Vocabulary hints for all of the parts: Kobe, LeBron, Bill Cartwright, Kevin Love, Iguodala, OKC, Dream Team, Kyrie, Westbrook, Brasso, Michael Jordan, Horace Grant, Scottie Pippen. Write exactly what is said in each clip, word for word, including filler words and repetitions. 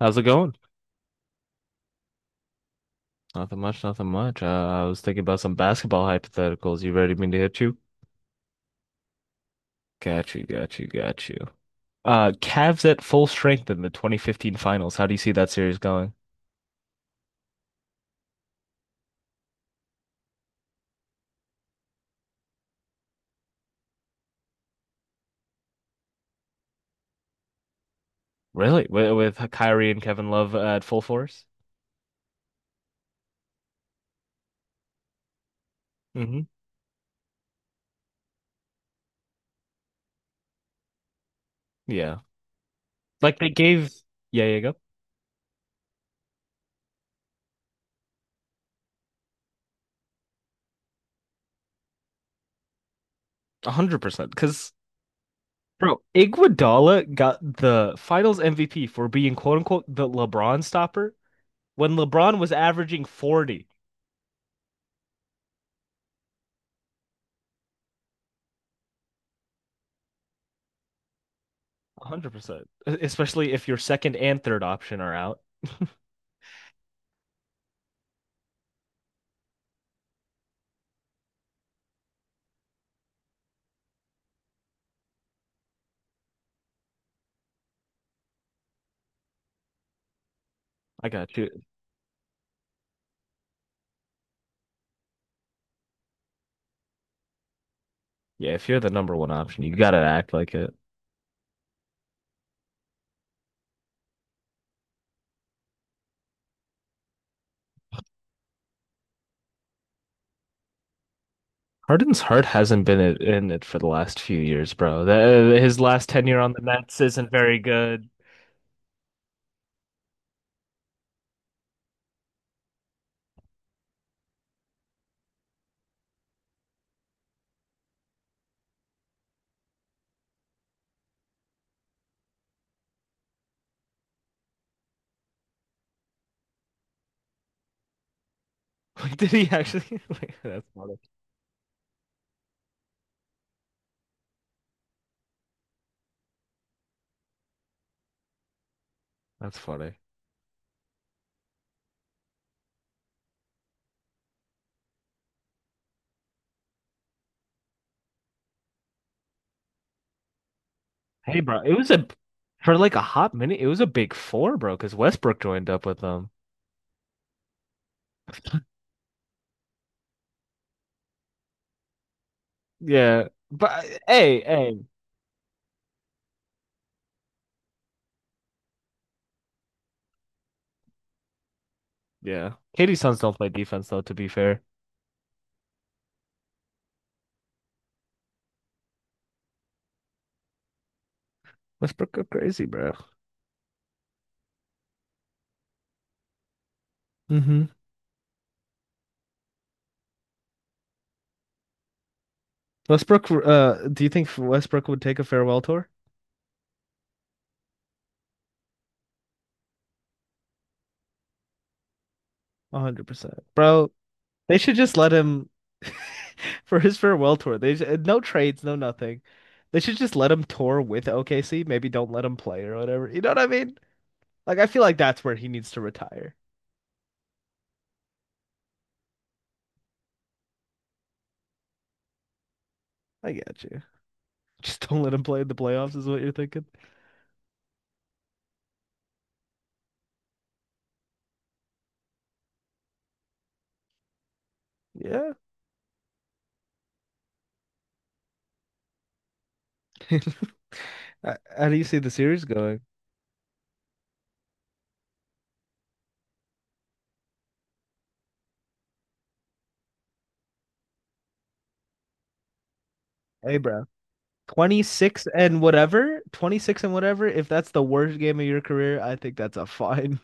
How's it going? Nothing much, nothing much. Uh, I was thinking about some basketball hypotheticals. You ready for me to hit you? Got you, got you, got you. Uh, Cavs at full strength in the twenty fifteen finals. How do you see that series going? Really? With, with Kyrie and Kevin Love at full force? Hmm. Yeah. Like they gave, yeah, yeah, go. one hundred percent. Because, bro, Iguodala got the finals M V P for being quote unquote the LeBron stopper when LeBron was averaging forty. One hundred percent. Especially if your second and third option are out. I got you. Yeah, if you're the number one option, you gotta act like it. Harden's heart hasn't been i- in it for the last few years, bro. The, uh, his last tenure on the Nets isn't very good. Like, did he actually? Like, that's funny. That's funny. Hey, bro, it was a for like a hot minute. It was a big four, bro, because Westbrook joined up with them. Yeah, but uh, hey, hey, yeah. Katie's sons don't play defense though. To be fair, Westbrook go crazy, bro. Hmm. Westbrook, uh, do you think Westbrook would take a farewell tour? one hundred percent. Bro, they should just let him for his farewell tour. They No trades, no nothing. They should just let him tour with O K C. Maybe don't let him play or whatever. You know what I mean? Like I feel like that's where he needs to retire. I get you. Just don't let him play in the playoffs is what you're thinking. Yeah. How do you see the series going? Hey, bro. twenty six and whatever, twenty six and whatever. If that's the worst game of your career, I think that's a fine.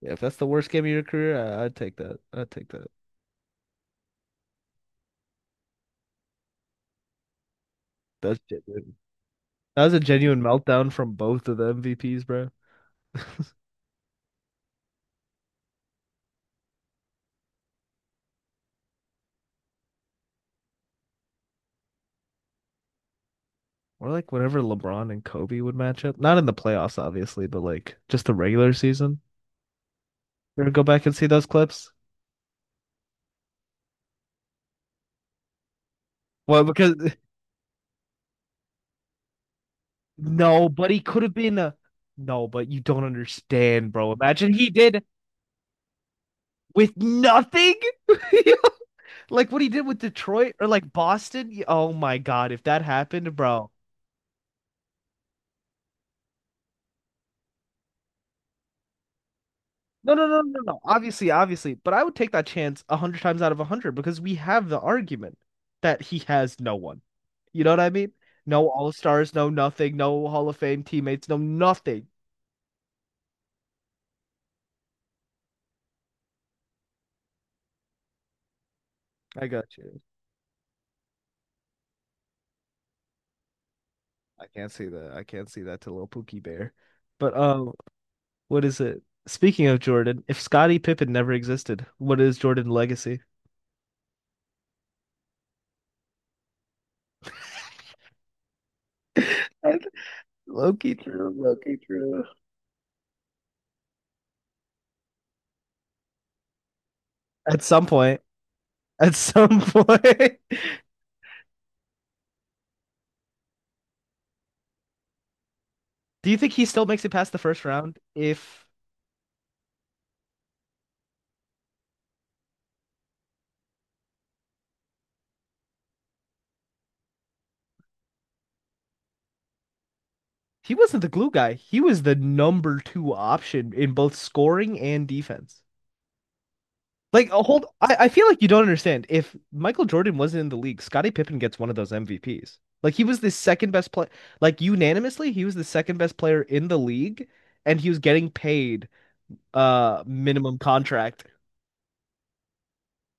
Yeah, if that's the worst game of your career, I, I'd take that. I'd take that. That's genuine. That was a genuine meltdown from both of the M V Ps, bro. Or like whenever LeBron and Kobe would match up. Not in the playoffs, obviously, but like just the regular season. You ever go back and see those clips? Well, because no, but he could have been a, no, but you don't understand, bro. Imagine he did with nothing. Like what he did with Detroit or like Boston. Oh my God, if that happened, bro. No, no, no, no, no. No. Obviously, obviously, but I would take that chance a hundred times out of a hundred because we have the argument that he has no one. You know what I mean? No All-Stars, no nothing, no Hall of Fame teammates, no nothing. I got you. I can't see that. I can't see that to little Pookie Bear. But um, what is it? Speaking of Jordan, if Scottie Pippen never existed, what is Jordan's legacy? Low-key true, low-key true. At some point, at some point. Do you think he still makes it past the first round? If he wasn't the glue guy, he was the number two option in both scoring and defense. Like, a hold, I, I feel like you don't understand. If Michael Jordan wasn't in the league, Scottie Pippen gets one of those M V Ps. Like, he was the second best player, like, unanimously, he was the second best player in the league, and he was getting paid uh minimum contract.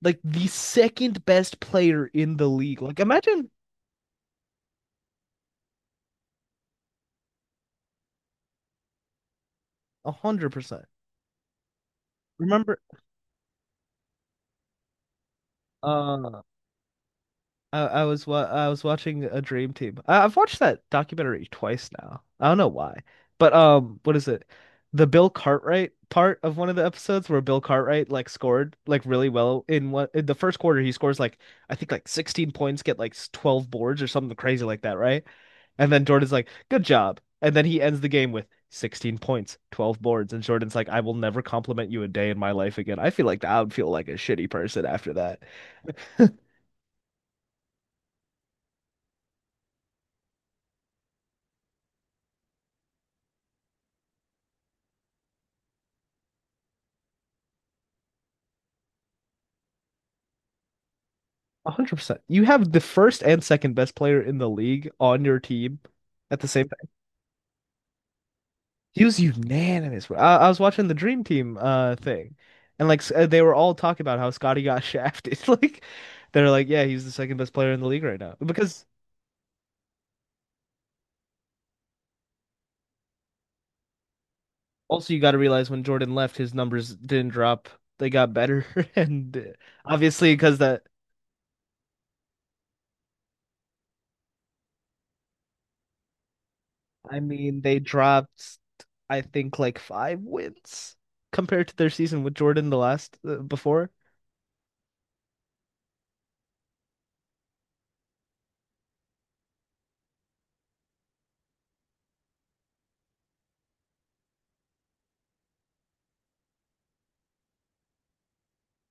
Like, the second best player in the league. Like, imagine one hundred percent. Remember, uh, I, I was wa I was watching a Dream Team. I, I've watched that documentary twice now. I don't know why, but um, what is it? The Bill Cartwright part of one of the episodes where Bill Cartwright like scored like really well in what in the first quarter he scores like I think like sixteen points, get like twelve boards or something crazy like that, right? And then Jordan's like, "Good job," and then he ends the game with sixteen points, twelve boards, and Jordan's like, "I will never compliment you a day in my life again." I feel like I would feel like a shitty person after that. One hundred percent. You have the first and second best player in the league on your team at the same time. He was unanimous. I, I was watching the Dream Team uh thing, and like s- uh, they were all talking about how Scotty got shafted. Like they're like, yeah, he's the second best player in the league right now. Because also you got to realize when Jordan left, his numbers didn't drop. They got better, and uh, obviously because that. I mean, they dropped. I think like five wins compared to their season with Jordan the last uh, before.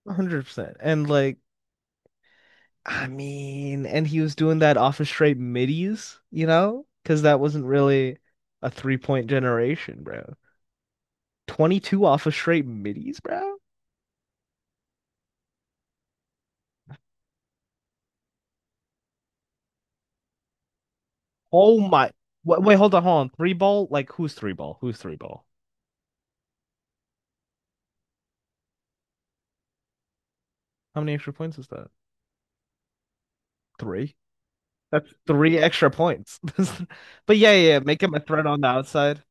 one hundred percent. And like, I mean, and he was doing that off of straight middies, you know? Because that wasn't really a three point generation, bro. twenty two off of straight middies, bro? Oh my. Wait, wait, hold on, hold on. Three ball? Like, who's three ball? Who's three ball? How many extra points is that? Three? That's three extra points. But yeah, yeah, yeah, make him a threat on the outside.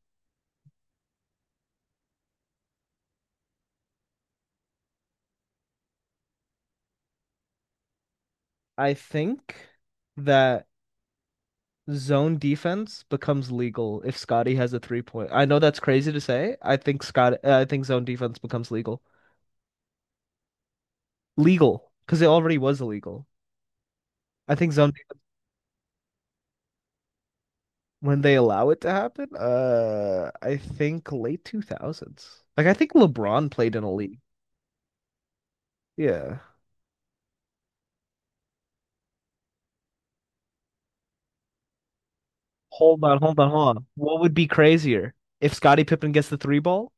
I think that zone defense becomes legal if Scotty has a three point. I know that's crazy to say. I think Scott, uh, I think zone defense becomes legal. Legal, because it already was illegal. I think zone defense, when they allow it to happen, uh, I think late two thousands. Like I think LeBron played in a league. Yeah. Hold on, hold on, hold on. What would be crazier if Scottie Pippen gets the three ball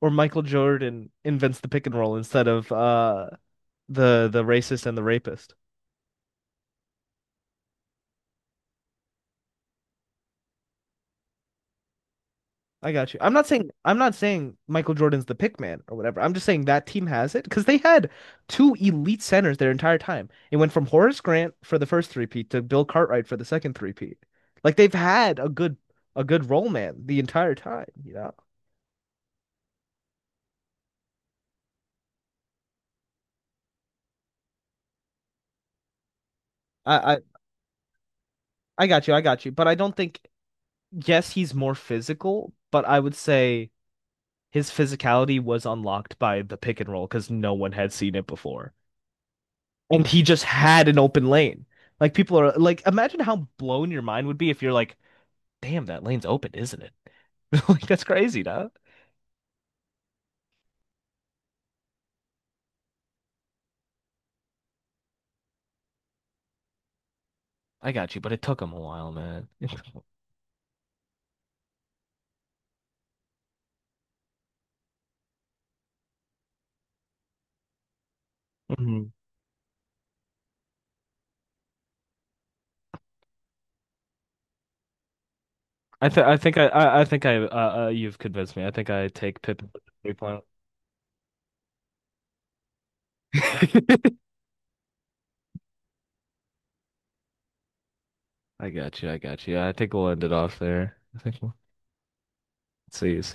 or Michael Jordan invents the pick and roll instead of uh the the racist and the rapist? I got you. I'm not saying I'm not saying Michael Jordan's the pick man or whatever. I'm just saying that team has it because they had two elite centers their entire time. It went from Horace Grant for the first three-peat to Bill Cartwright for the second three-peat. Like they've had a good a good role man the entire time, you know. I I, I got you. I got you. But I don't think yes, he's more physical, but I would say his physicality was unlocked by the pick and roll because no one had seen it before. And he just had an open lane. Like people are like, imagine how blown your mind would be if you're like, damn, that lane's open, isn't it? Like that's crazy, dog. I got you, but it took him a while, man. Mhm. I th I think I, I I think I uh, uh you've convinced me. I think I take Pippin with the three point. I got you. I got you. I think we'll end it off there. I think we'll see you.